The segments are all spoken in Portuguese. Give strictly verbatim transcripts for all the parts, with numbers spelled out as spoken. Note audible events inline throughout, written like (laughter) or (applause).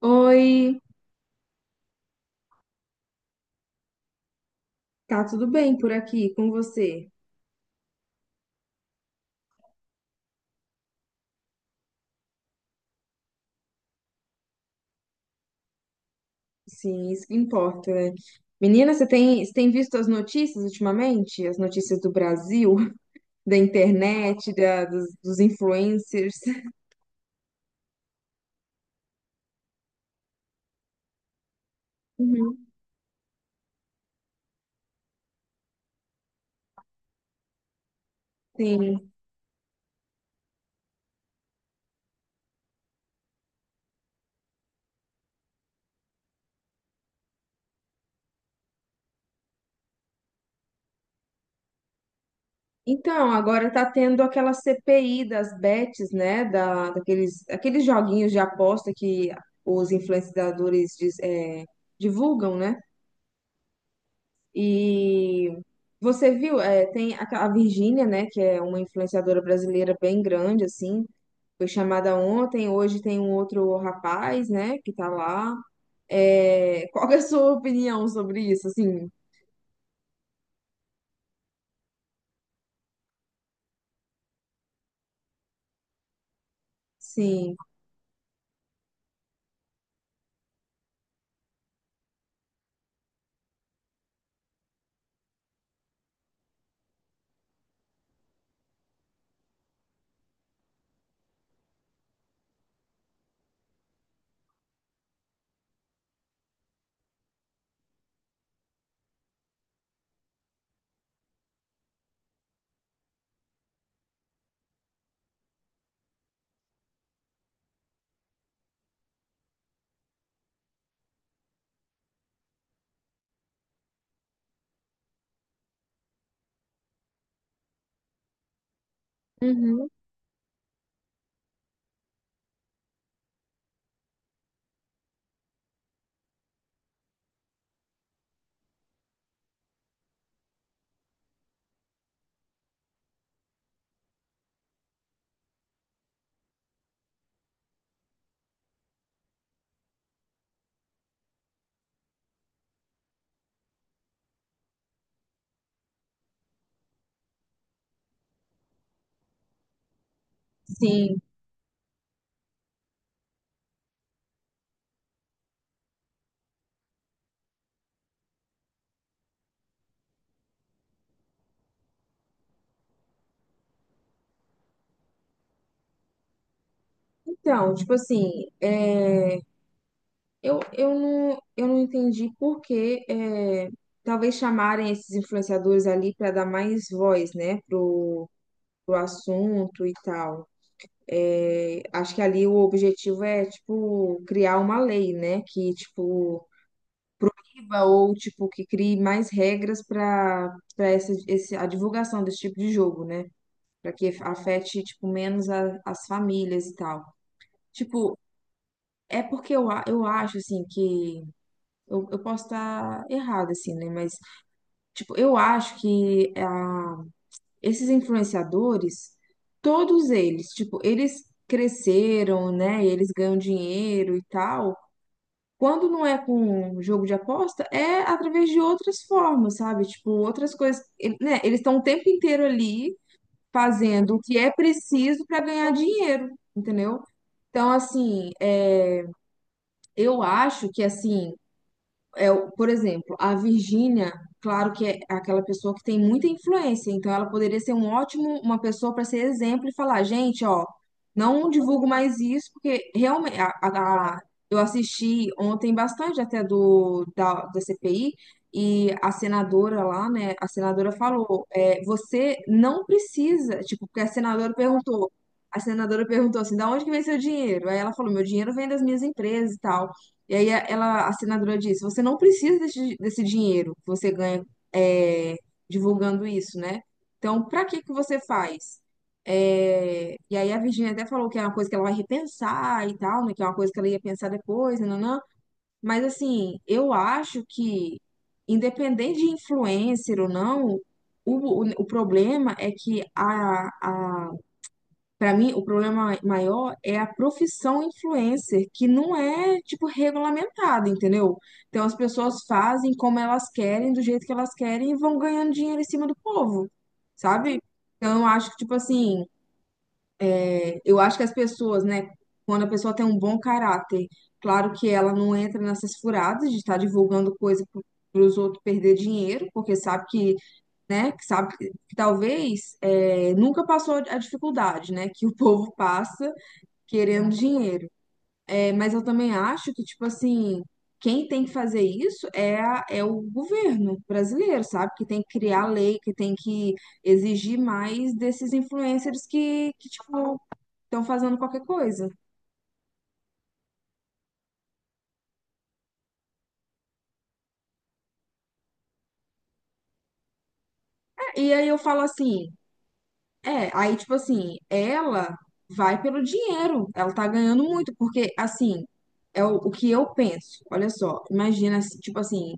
Oi, tá tudo bem por aqui com você? Sim, isso que importa, né? Menina, você tem, você tem visto as notícias ultimamente? As notícias do Brasil, (laughs) da internet, da- dos, dos influencers? Uhum. Sim. Então, agora tá tendo aquela C P I das bets, né? Da, daqueles, aqueles joguinhos de aposta que os influenciadores diz- é, divulgam, né? E você viu, é, tem a, a Virgínia, né, que é uma influenciadora brasileira bem grande, assim, foi chamada ontem, hoje tem um outro rapaz, né, que tá lá. É, qual que é a sua opinião sobre isso, assim? Sim. Uhum. Sim. Então, tipo assim, é, eu, eu não, eu não entendi por que é, talvez chamarem esses influenciadores ali para dar mais voz, né, pro, pro assunto e tal. Acho que ali o objetivo é, tipo, criar uma lei, né? Que, tipo, proíba ou, tipo, que crie mais regras para para essa esse, a divulgação desse tipo de jogo, né? Para que afete, tipo, menos a- as famílias e tal. Tipo, é porque eu, a- eu acho, assim, que... Eu, eu posso estar errada, assim, né? Mas, tipo, eu acho que ah, esses influenciadores, todos eles, tipo, eles cresceram, né? Eles ganham dinheiro e tal. Quando não é com jogo de aposta, é através de outras formas, sabe? Tipo, outras coisas. Ele- né, Eles estão o tempo inteiro ali fazendo o que é preciso para ganhar dinheiro, entendeu? Então, assim, é, eu acho que, assim, é, o- por exemplo, a Virgínia, claro que é aquela pessoa que tem muita influência, então ela poderia ser um ótimo, uma pessoa para ser exemplo e falar, gente, ó, não divulgo mais isso, porque realmente. a, a- a- eu assisti ontem bastante até do da, da C P I e a senadora lá, né, a senadora falou, é, você não precisa, tipo, porque a senadora perguntou, a senadora perguntou assim, da onde que vem seu dinheiro? Aí ela falou, meu dinheiro vem das minhas empresas e tal. E aí a- ela, a senadora disse, você não precisa desse, desse dinheiro que você ganha é, divulgando isso, né? Então, pra que que você faz? É, e aí a Virginia até falou que é uma coisa que ela vai repensar e tal, né? Que é uma coisa que ela ia pensar depois, nananã. Mas assim, eu acho que, independente de influencer ou não, o, o, o problema é que a, a para mim, o problema maior é a profissão influencer, que não é, tipo, regulamentada, entendeu? Então, as pessoas fazem como elas querem, do jeito que elas querem e vão ganhando dinheiro em cima do povo, sabe? Então, eu acho que, tipo assim, eu acho que as pessoas, né, quando a pessoa tem um bom caráter, claro que ela não entra nessas furadas de estar divulgando coisa para os outros perder dinheiro, porque sabe que, né, que sabe que, que talvez é, nunca passou a dificuldade, né, que o (laughs) povo passa querendo dinheiro. É, mas eu também acho que, tipo assim, quem tem que fazer isso é, a- é o governo brasileiro, sabe? Que tem que criar lei, que tem que exigir mais desses influencers que, que tipo, estão fazendo qualquer coisa. É, E aí eu falo assim, É, aí, tipo assim, ela vai pelo dinheiro, ela tá ganhando muito, porque, assim, é o, o que eu penso. Olha só, imagina, assim, tipo assim,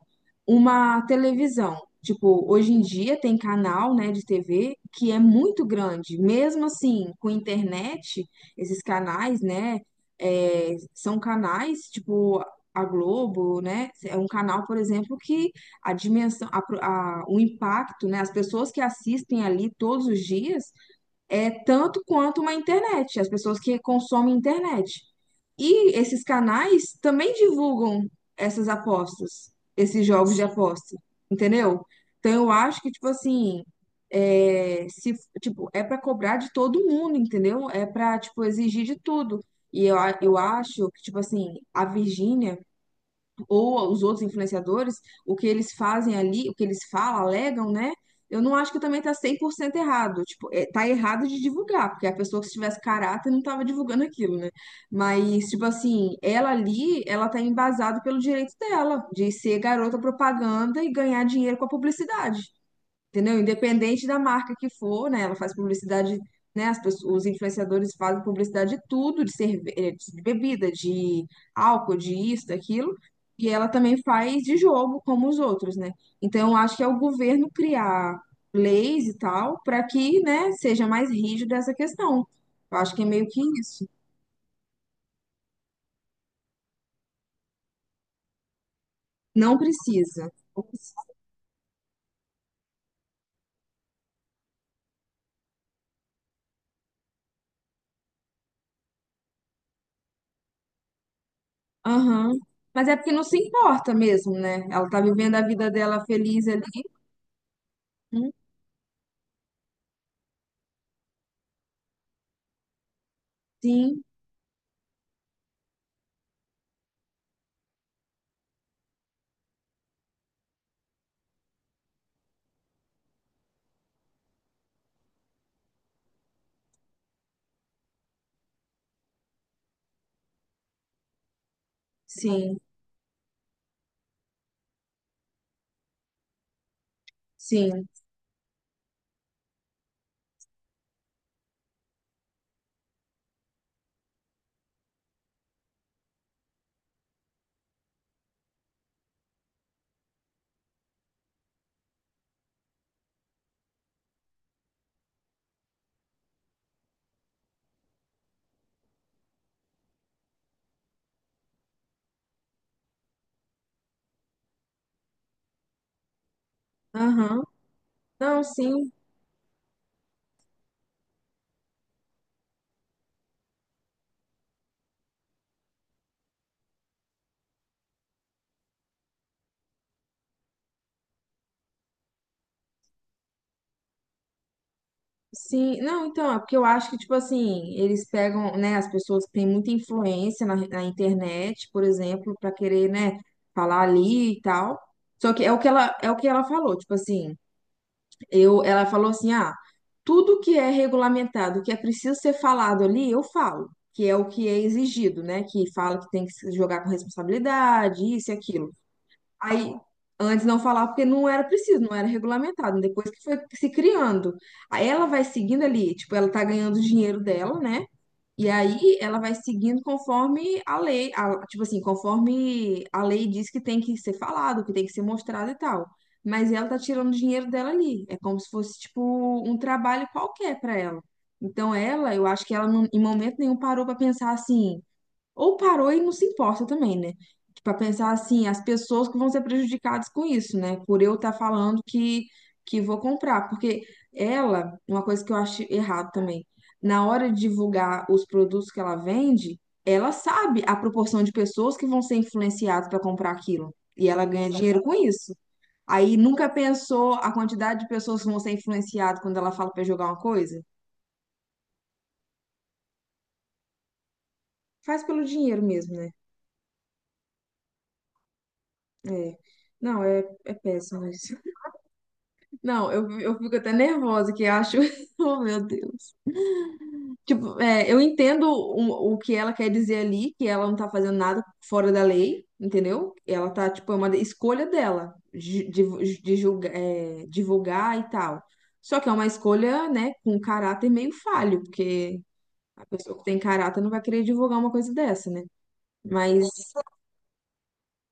uma televisão. Tipo, hoje em dia tem canal, né, de T V que é muito grande. Mesmo assim, com internet, esses canais, né, é, são canais, tipo, a Globo, né, é um canal, por exemplo, que a dimensão, a, pro- a- o impacto, né, as pessoas que assistem ali todos os dias é tanto quanto uma internet, as pessoas que consomem internet. E esses canais também divulgam essas apostas, esses jogos de aposta, entendeu? Então eu acho que, tipo assim, é, se, tipo, é para cobrar de todo mundo, entendeu? É para, tipo, exigir de tudo. E eu, a- eu acho que, tipo assim, a Virgínia ou os outros influenciadores, o que eles fazem ali, o que eles falam, alegam, né? Eu não acho que também tá cem por cento errado. Tipo, é, tá errado de divulgar, porque a pessoa que se tivesse caráter não tava divulgando aquilo, né? Mas, tipo assim, ela ali, ela tá embasada pelo direito dela de ser garota propaganda e ganhar dinheiro com a publicidade, entendeu? Independente da marca que for, né? Ela faz publicidade, né? As pessoas, os influenciadores fazem publicidade de tudo, de cerveja, de bebida, de álcool, de isso, daquilo. E ela também faz de jogo, como os outros, né? Então, eu acho que é o governo criar leis e tal, para que, né, seja mais rígido essa questão. Eu acho que é meio que isso. Não precisa. Aham. Mas é porque não se importa mesmo, né? Ela tá vivendo a vida dela feliz ali. Hum, Sim, sim. Sim, aham. Não, sim, sim. Não, então, é porque eu acho que, tipo assim, eles pegam, né, as pessoas que têm muita influência na, na internet, por exemplo, pra querer, né, falar ali e tal. Só que é o que ela, é o que ela falou, tipo assim, eu, ela falou assim, ah, tudo que é regulamentado, que é preciso ser falado ali, eu falo, que é o que é exigido, né, que fala que tem que se jogar com responsabilidade, isso e aquilo. Aí, antes não falava porque não era preciso, não era regulamentado. Depois que foi se criando. Aí ela vai seguindo ali, tipo, ela tá ganhando o dinheiro dela, né? E aí ela vai seguindo conforme a lei, a- tipo assim, conforme a lei diz que tem que ser falado, que tem que ser mostrado e tal. Mas ela tá tirando o dinheiro dela ali. É como se fosse, tipo, um trabalho qualquer pra ela. Então ela, eu acho que ela não- em momento nenhum parou pra pensar assim, ou parou e não se importa também, né? Para pensar assim, as pessoas que vão ser prejudicadas com isso, né? Por eu estar falando que, que vou comprar. Porque ela, uma coisa que eu acho errado também, na hora de divulgar os produtos que ela vende, ela sabe a proporção de pessoas que vão ser influenciadas para comprar aquilo. E ela ganha dinheiro com isso. Aí nunca pensou a quantidade de pessoas que vão ser influenciadas quando ela fala para jogar uma coisa? Faz pelo dinheiro mesmo, né? É. Não, é, é péssimo isso. Não, eu, eu fico até nervosa, que eu acho. (laughs) Oh, meu Deus. Tipo, é, eu entendo o, o que ela quer dizer ali, que ela não tá fazendo nada fora da lei, entendeu? Ela tá, tipo, é uma escolha dela de, de, de julga- é, divulgar e tal. Só que é uma escolha, né, com caráter meio falho, porque a pessoa que tem caráter não vai querer divulgar uma coisa dessa, né? Mas,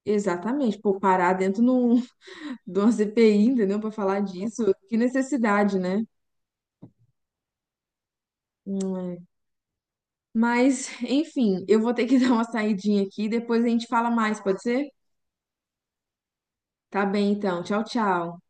exatamente, pô, parar dentro num- (laughs) de uma C P I, entendeu? Pra falar disso, que necessidade, né? Mas, enfim, eu vou ter que (laughs) dar uma saidinha aqui, depois a gente fala mais, pode ser? Tá bem, então. Tchau, tchau.